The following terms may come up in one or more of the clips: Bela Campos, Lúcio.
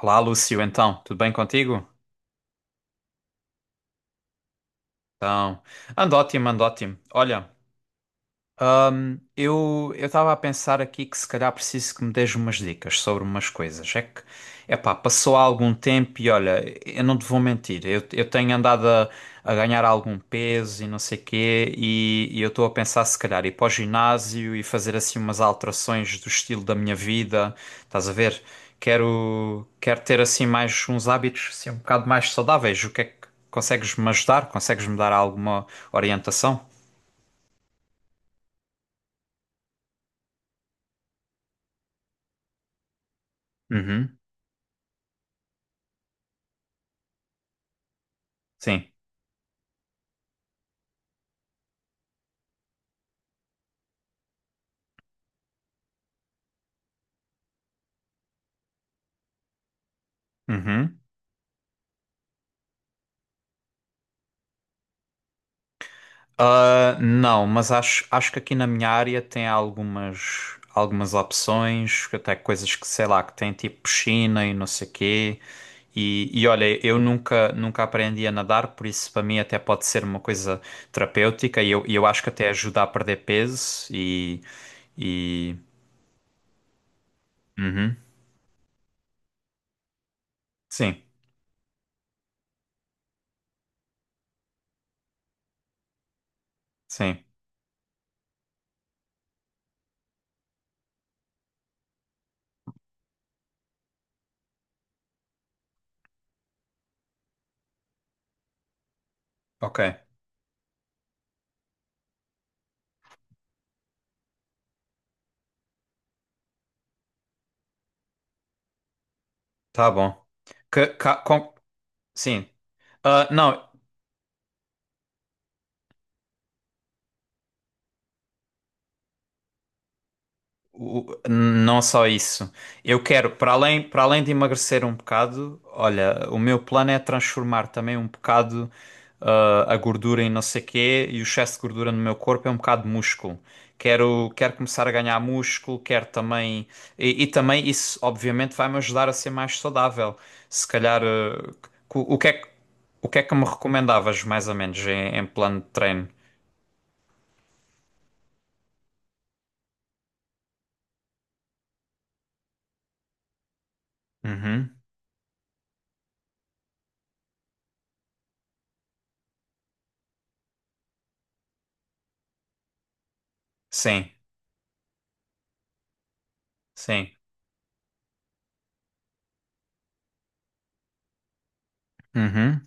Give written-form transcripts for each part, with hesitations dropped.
Olá, Lúcio, então, tudo bem contigo? Então, ando ótimo, ando ótimo. Olha, eu estava a pensar aqui que se calhar preciso que me des umas dicas sobre umas coisas. É que, epá, passou há algum tempo e olha, eu não te vou mentir, eu tenho andado a ganhar algum peso e não sei quê, e eu estou a pensar se calhar ir para o ginásio e fazer assim umas alterações do estilo da minha vida. Estás a ver? Quero ter assim mais uns hábitos assim, um bocado mais saudáveis. O que é que consegues me ajudar? Consegues me dar alguma orientação? Uhum, sim. Uhum. Ah, não, mas acho que aqui na minha área tem algumas opções, até coisas que, sei lá, que tem tipo piscina e não sei quê. E olha, eu nunca aprendi a nadar, por isso para mim até pode ser uma coisa terapêutica e eu acho que até ajuda a perder peso e. Uhum. Sim, sim, ok, tá bom. Que, ca- com- Sim. Ah, não. Não só isso. Eu quero, para além de emagrecer um bocado, olha, o meu plano é transformar também um bocado a gordura em não sei quê e o excesso de gordura no meu corpo é um bocado de músculo. Quero começar a ganhar músculo, quero também. E também isso, obviamente, vai-me ajudar a ser mais saudável. Se calhar, co- o que é que, o que é que me recomendavas, mais ou menos, em plano de treino? Uhum. Sim, sim. Uhum.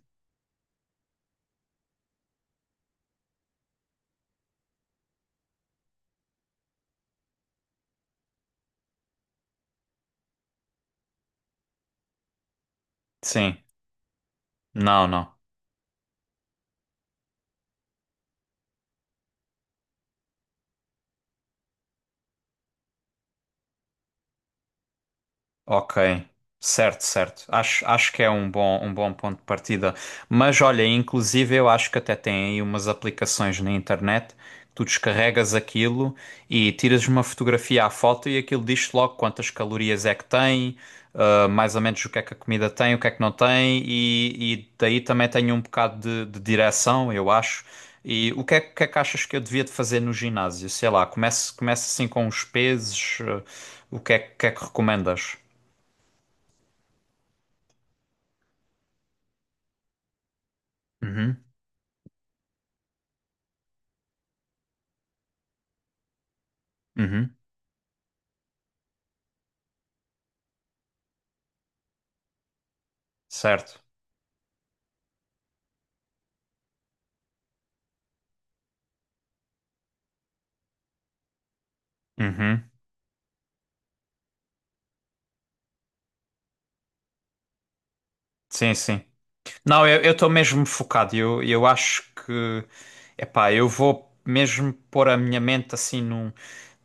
Sim. Não, não. Ok, certo, certo. Acho que é um bom ponto de partida. Mas olha, inclusive eu acho que até tem aí umas aplicações na internet que tu descarregas aquilo e tiras uma fotografia à foto e aquilo diz-te logo quantas calorias é que tem, mais ou menos o que é que a comida tem, o que é que não tem, e daí também tem um bocado de direção, eu acho. E o que é que achas que eu devia de fazer no ginásio? Sei lá, começo assim com os pesos, ah, o que é, que é que recomendas? Uhum, uhum, certo. Uhum, sim, sim. Não, eu estou mesmo focado. Eu acho que, epá, eu vou mesmo pôr a minha mente assim num,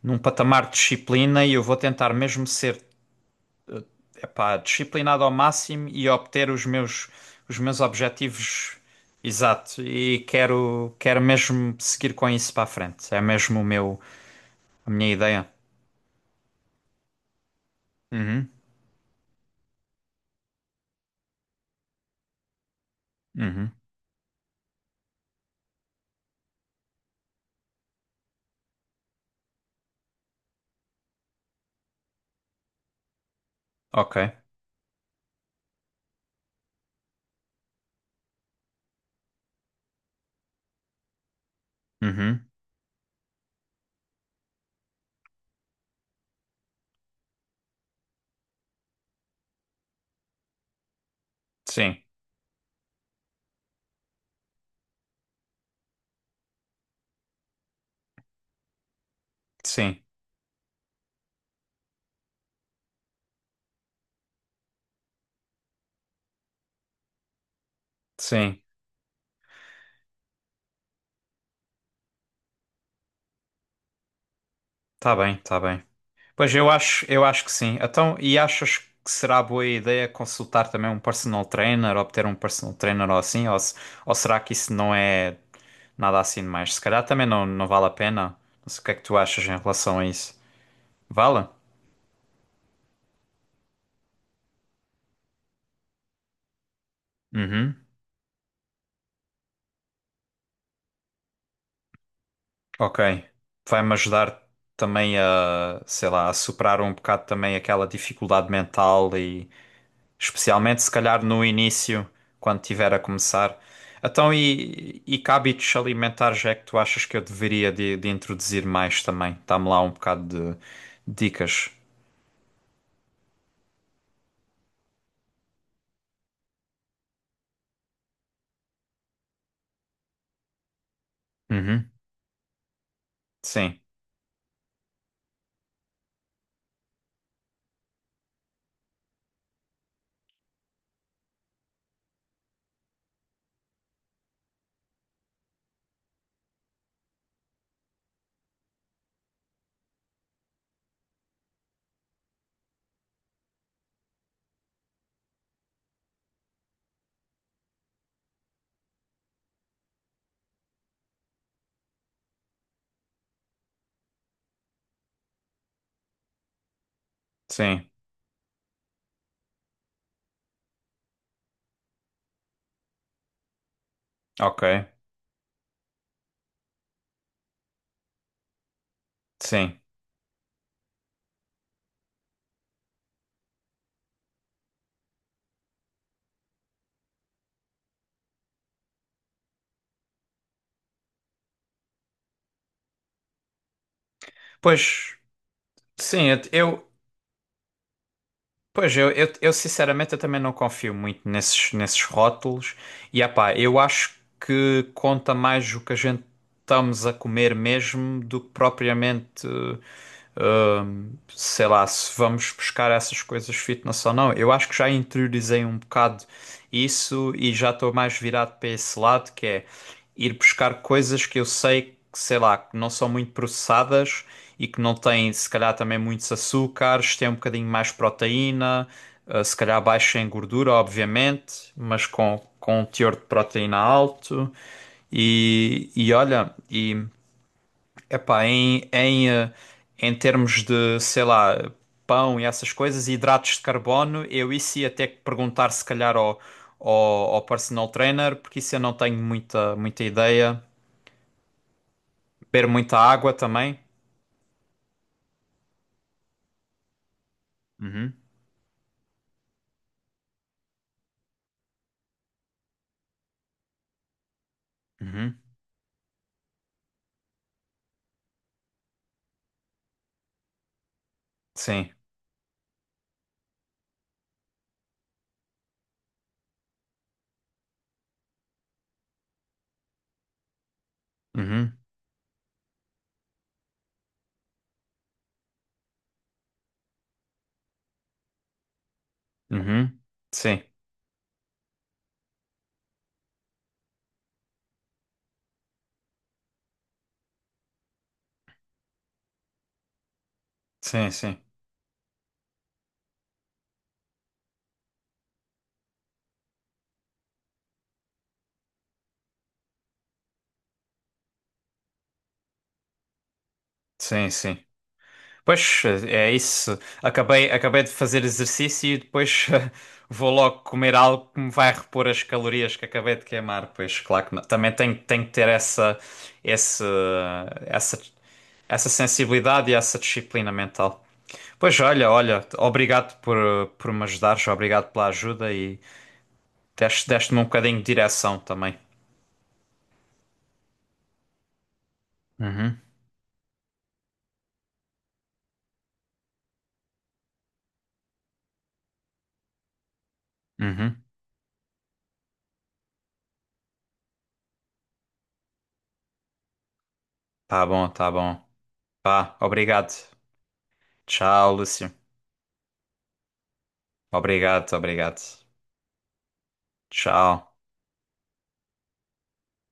num patamar de disciplina e eu vou tentar mesmo ser, epá, disciplinado ao máximo e obter os meus objetivos. Exato. E quero mesmo seguir com isso para a frente. É mesmo o meu, a minha ideia. Uhum, uhum, ok. Uhum, sim, sim, sim. Tá bem, tá bem. Pois eu acho que sim. Então, e achas que será boa ideia consultar também um personal trainer, obter um personal trainer ou assim, ou será que isso não é nada assim demais? Se calhar também não, não vale a pena. Não sei o que é que tu achas em relação a isso. Vale? Uhum. Ok. Vai-me ajudar também a, sei lá, a superar um bocado também aquela dificuldade mental e especialmente se calhar no início, quando tiver a começar. Então, e que hábitos alimentares é que tu achas que eu deveria de introduzir mais também? Dá-me lá um bocado de dicas. Uhum. Sim, sim, ok, sim. Pois, sim, eu sinceramente eu também não confio muito nesses rótulos. E epá, eu acho que conta mais o que a gente estamos a comer mesmo do que propriamente. Sei lá, se vamos buscar essas coisas fitness ou não. Eu acho que já interiorizei um bocado isso e já estou mais virado para esse lado, que é ir buscar coisas que eu sei que, sei lá, que não são muito processadas e que não têm, se calhar, também muitos açúcares, têm um bocadinho mais proteína, se calhar baixa em gordura, obviamente, mas com um teor de proteína alto. E olha, e Epá, em, em, eh, em termos de, sei lá, pão e essas coisas, hidratos de carbono, eu isso ia ter que perguntar se calhar ao personal trainer, porque isso eu não tenho muita ideia. Beber muita água também. Uhum, uhum, sim, uhum, uhum, sim, sim, sim, sim, sim. Pois é isso. Acabei de fazer exercício e depois vou logo comer algo que me vai repor as calorias que acabei de queimar. Pois claro que não. Também tenho que ter essa, esse, essa, essa sensibilidade e essa disciplina mental. Pois olha, olha, obrigado por me ajudares, obrigado pela ajuda e deste-me um bocadinho de direção também. Uhum, uhum. Tá bom, tá bom. Pá, obrigado. Tchau, Lúcio. Obrigado, obrigado. Tchau.